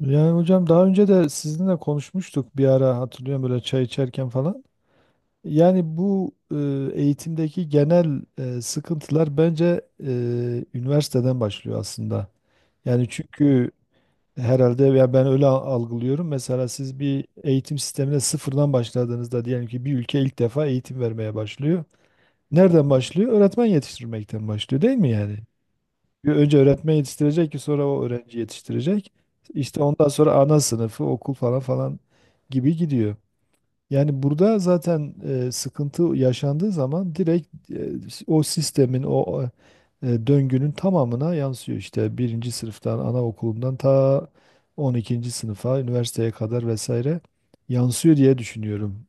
Yani hocam daha önce de sizinle konuşmuştuk bir ara hatırlıyorum böyle çay içerken falan. Yani bu eğitimdeki genel sıkıntılar bence e, üniversiteden başlıyor aslında. Yani çünkü herhalde ya ben öyle algılıyorum. Mesela siz bir eğitim sistemine sıfırdan başladığınızda diyelim ki bir ülke ilk defa eğitim vermeye başlıyor. Nereden başlıyor? Öğretmen yetiştirmekten başlıyor değil mi yani? Bir önce öğretmen yetiştirecek ki sonra o öğrenci yetiştirecek. İşte ondan sonra ana sınıfı, okul falan falan gibi gidiyor. Yani burada zaten sıkıntı yaşandığı zaman direkt o sistemin, o döngünün tamamına yansıyor. İşte birinci sınıftan, anaokulundan ta 12. sınıfa, üniversiteye kadar vesaire yansıyor diye düşünüyorum.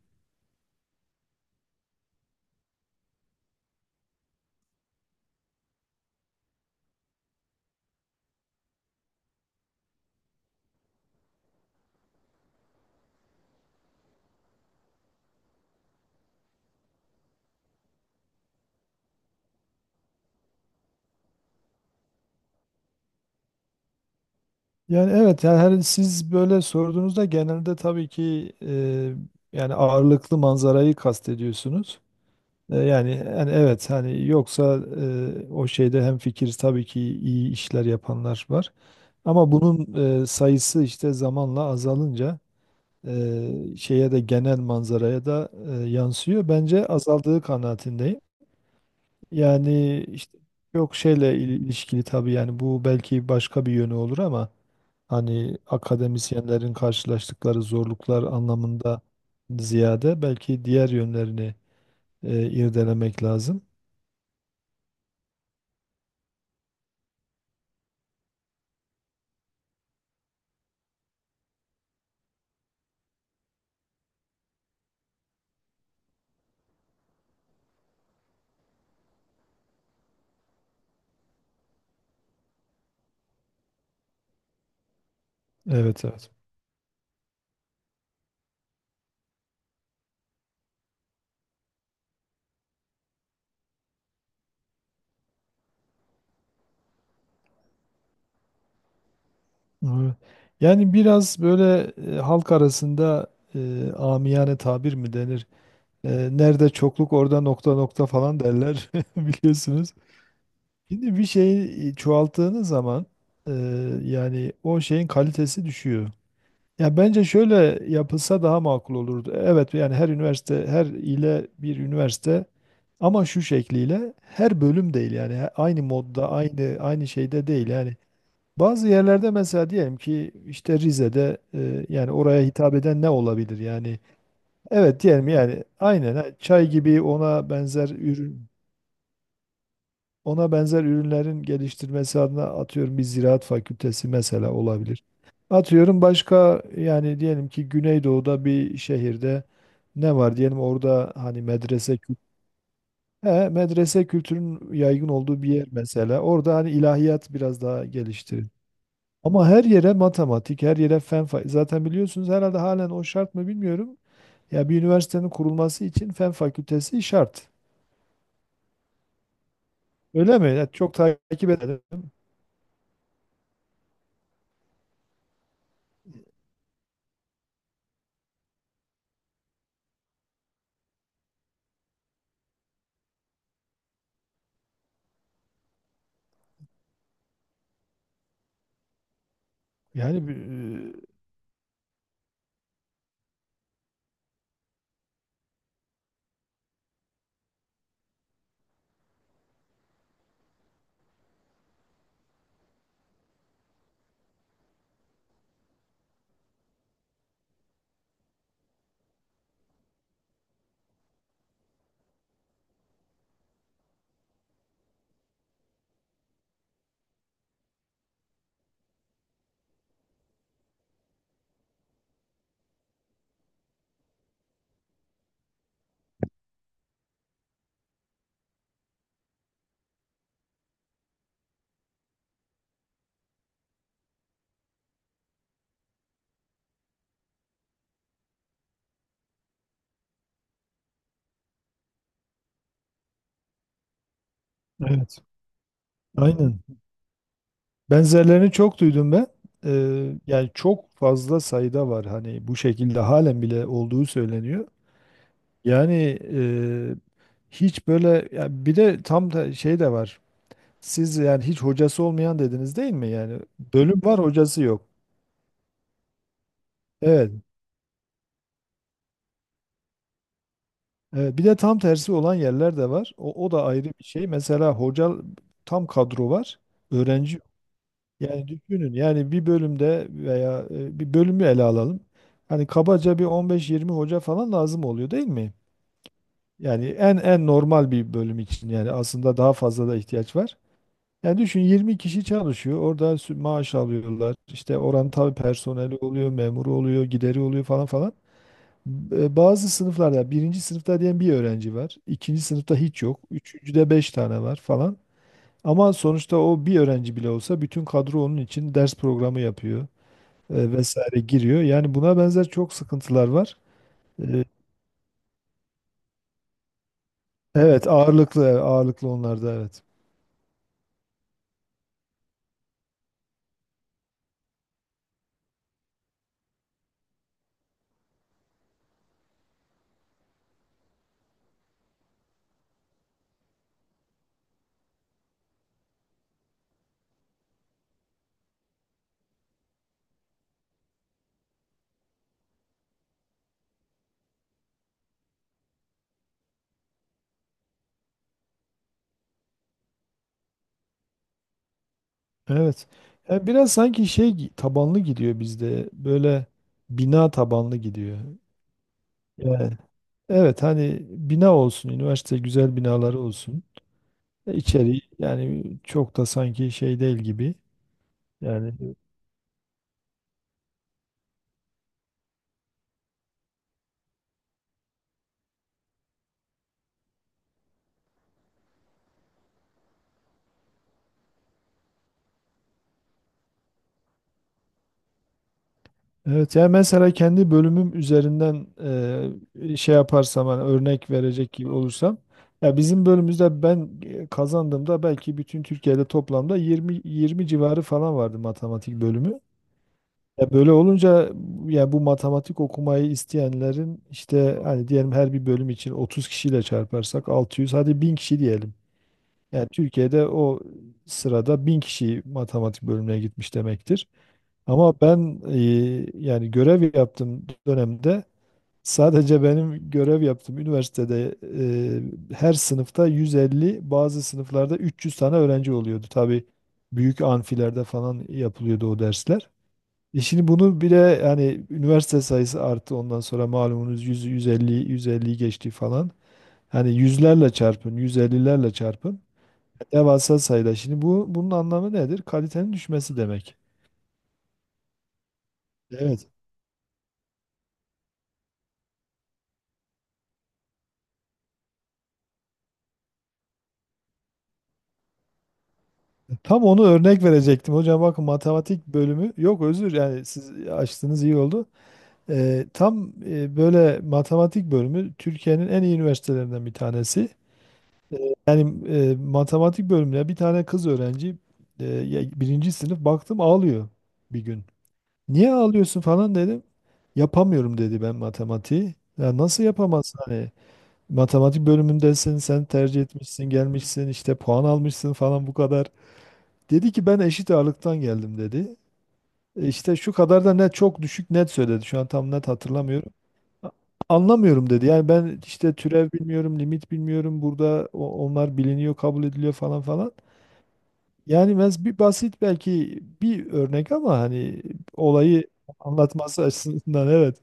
Yani evet, yani siz böyle sorduğunuzda genelde tabii ki yani ağırlıklı manzarayı kastediyorsunuz. Yani, evet hani yoksa o şeyde hem fikir tabii ki iyi işler yapanlar var. Ama bunun sayısı işte zamanla azalınca şeye de genel manzaraya da yansıyor. Bence azaldığı kanaatindeyim. Yani işte yok şeyle ilişkili tabii yani bu belki başka bir yönü olur ama hani akademisyenlerin karşılaştıkları zorluklar anlamında ziyade belki diğer yönlerini irdelemek lazım. Evet, evet. Evet. Yani biraz böyle halk arasında amiyane tabir mi denir? Nerede çokluk orada nokta nokta falan derler biliyorsunuz. Şimdi bir şeyi çoğalttığınız zaman e, yani o şeyin kalitesi düşüyor. Ya bence şöyle yapılsa daha makul olurdu. Evet yani her üniversite her ile bir üniversite ama şu şekliyle her bölüm değil yani aynı modda aynı şeyde değil yani bazı yerlerde mesela diyelim ki işte Rize'de yani oraya hitap eden ne olabilir yani? Evet diyelim yani aynen ha, çay gibi ona benzer ürünlerin geliştirmesi adına atıyorum bir ziraat fakültesi mesela olabilir. Atıyorum başka yani diyelim ki Güneydoğu'da bir şehirde ne var diyelim orada hani medrese kültürün yaygın olduğu bir yer mesela. Orada hani ilahiyat biraz daha geliştirir. Ama her yere matematik, her yere zaten biliyorsunuz herhalde halen o şart mı bilmiyorum. Ya bir üniversitenin kurulması için fen fakültesi şart. Öyle mi? Ya çok takip edelim. Yani evet, aynen. Benzerlerini çok duydum ben. E, yani çok fazla sayıda var hani bu şekilde halen bile olduğu söyleniyor. Yani e, hiç böyle ya bir de tam da şey de var. Siz yani hiç hocası olmayan dediniz değil mi? Yani bölüm var hocası yok. Evet. Evet, bir de tam tersi olan yerler de var. O da ayrı bir şey. Mesela hoca tam kadro var. Öğrenci yok. Yani düşünün yani bir bölümde veya bir bölümü ele alalım. Hani kabaca bir 15-20 hoca falan lazım oluyor değil mi? Yani en normal bir bölüm için yani aslında daha fazla da ihtiyaç var. Yani düşün 20 kişi çalışıyor. Orada maaş alıyorlar. İşte oranın tabii personeli oluyor, memuru oluyor, gideri oluyor falan falan. Bazı sınıflarda yani birinci sınıfta diyen bir öğrenci var. İkinci sınıfta hiç yok. Üçüncüde beş tane var falan. Ama sonuçta o bir öğrenci bile olsa bütün kadro onun için ders programı yapıyor vesaire giriyor. Yani buna benzer çok sıkıntılar var. E, Evet ağırlıklı ağırlıklı onlarda evet. Evet. Yani biraz sanki şey tabanlı gidiyor bizde. Böyle bina tabanlı gidiyor. Yani evet hani bina olsun, üniversite güzel binaları olsun. E, yani çok da sanki şey değil gibi. Yani evet yani mesela kendi bölümüm üzerinden şey yaparsam hani örnek verecek gibi olursam ya bizim bölümümüzde ben kazandığımda belki bütün Türkiye'de toplamda 20 20 civarı falan vardı matematik bölümü. Ya böyle olunca ya bu matematik okumayı isteyenlerin işte hani diyelim her bir bölüm için 30 kişiyle çarparsak 600 hadi 1000 kişi diyelim. Yani Türkiye'de o sırada 1000 kişi matematik bölümüne gitmiş demektir. Ama ben yani görev yaptığım dönemde sadece benim görev yaptığım üniversitede her sınıfta 150 bazı sınıflarda 300 tane öğrenci oluyordu. Tabii büyük amfilerde falan yapılıyordu o dersler. Şimdi bunu bile yani üniversite sayısı arttı ondan sonra malumunuz 100, 150, 150 geçti falan. Hani yüzlerle çarpın, 150'lerle çarpın. Devasa sayıda. Şimdi bunun anlamı nedir? Kalitenin düşmesi demek. Evet. Tam onu örnek verecektim. Hocam bakın matematik bölümü yok, özür, yani siz açtınız iyi oldu. Tam böyle matematik bölümü Türkiye'nin en iyi üniversitelerinden bir tanesi. Yani matematik bölümüne bir tane kız öğrenci birinci sınıf baktım ağlıyor bir gün. Niye ağlıyorsun falan dedim. Yapamıyorum dedi ben matematiği. Ya nasıl yapamazsın hani? Matematik bölümündesin, sen tercih etmişsin, gelmişsin, işte puan almışsın falan bu kadar. Dedi ki ben eşit ağırlıktan geldim dedi. İşte şu kadar da net çok düşük net söyledi. Şu an tam net hatırlamıyorum. A- Anlamıyorum dedi. Yani ben işte türev bilmiyorum, limit bilmiyorum. Burada onlar biliniyor, kabul ediliyor falan falan. Yani bir basit belki bir örnek ama hani olayı anlatması açısından evet.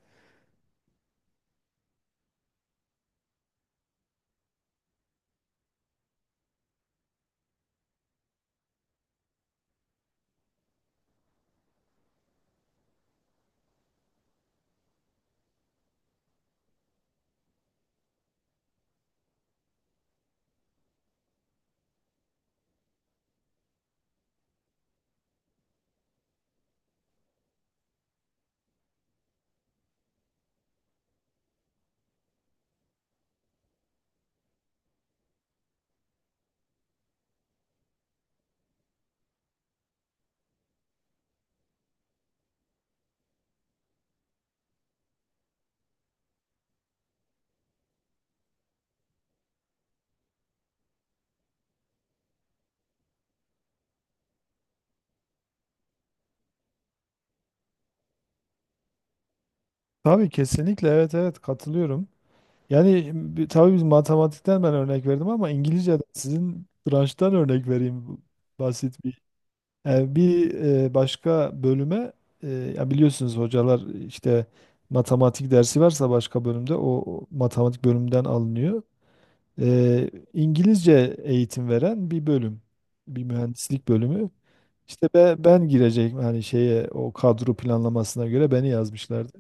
Tabii kesinlikle evet, evet katılıyorum. Yani tabii biz matematikten ben örnek verdim ama İngilizce'den sizin branştan örnek vereyim. Bu basit bir. Yani bir başka bölüme ya biliyorsunuz hocalar işte matematik dersi varsa başka bölümde o matematik bölümünden alınıyor. İngilizce eğitim veren bir bölüm, bir mühendislik bölümü. İşte ben girecek hani şeye o kadro planlamasına göre beni yazmışlardı.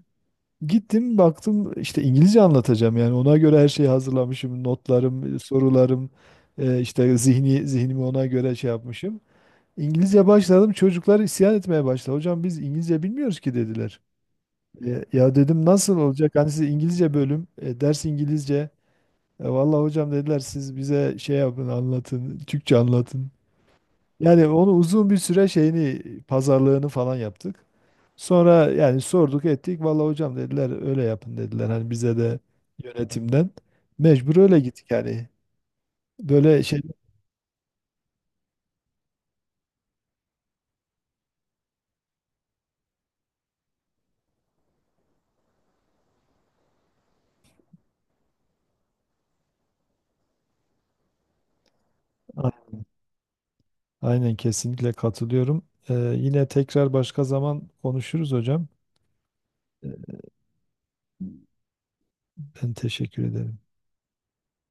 Gittim baktım işte İngilizce anlatacağım yani ona göre her şeyi hazırlamışım, notlarım, sorularım, işte zihnimi ona göre şey yapmışım. İngilizce başladım çocuklar isyan etmeye başladı. Hocam biz İngilizce bilmiyoruz ki dediler. Ya dedim nasıl olacak hani siz İngilizce bölüm ders İngilizce. Vallahi hocam dediler siz bize şey yapın anlatın Türkçe anlatın. Yani onu uzun bir süre şeyini pazarlığını falan yaptık. Sonra yani sorduk ettik. Vallahi hocam dediler öyle yapın dediler. Hani bize de yönetimden. Mecbur öyle gittik yani. Böyle şey A- aynen kesinlikle katılıyorum. Yine tekrar başka zaman konuşuruz hocam. Ee, Ben teşekkür ederim.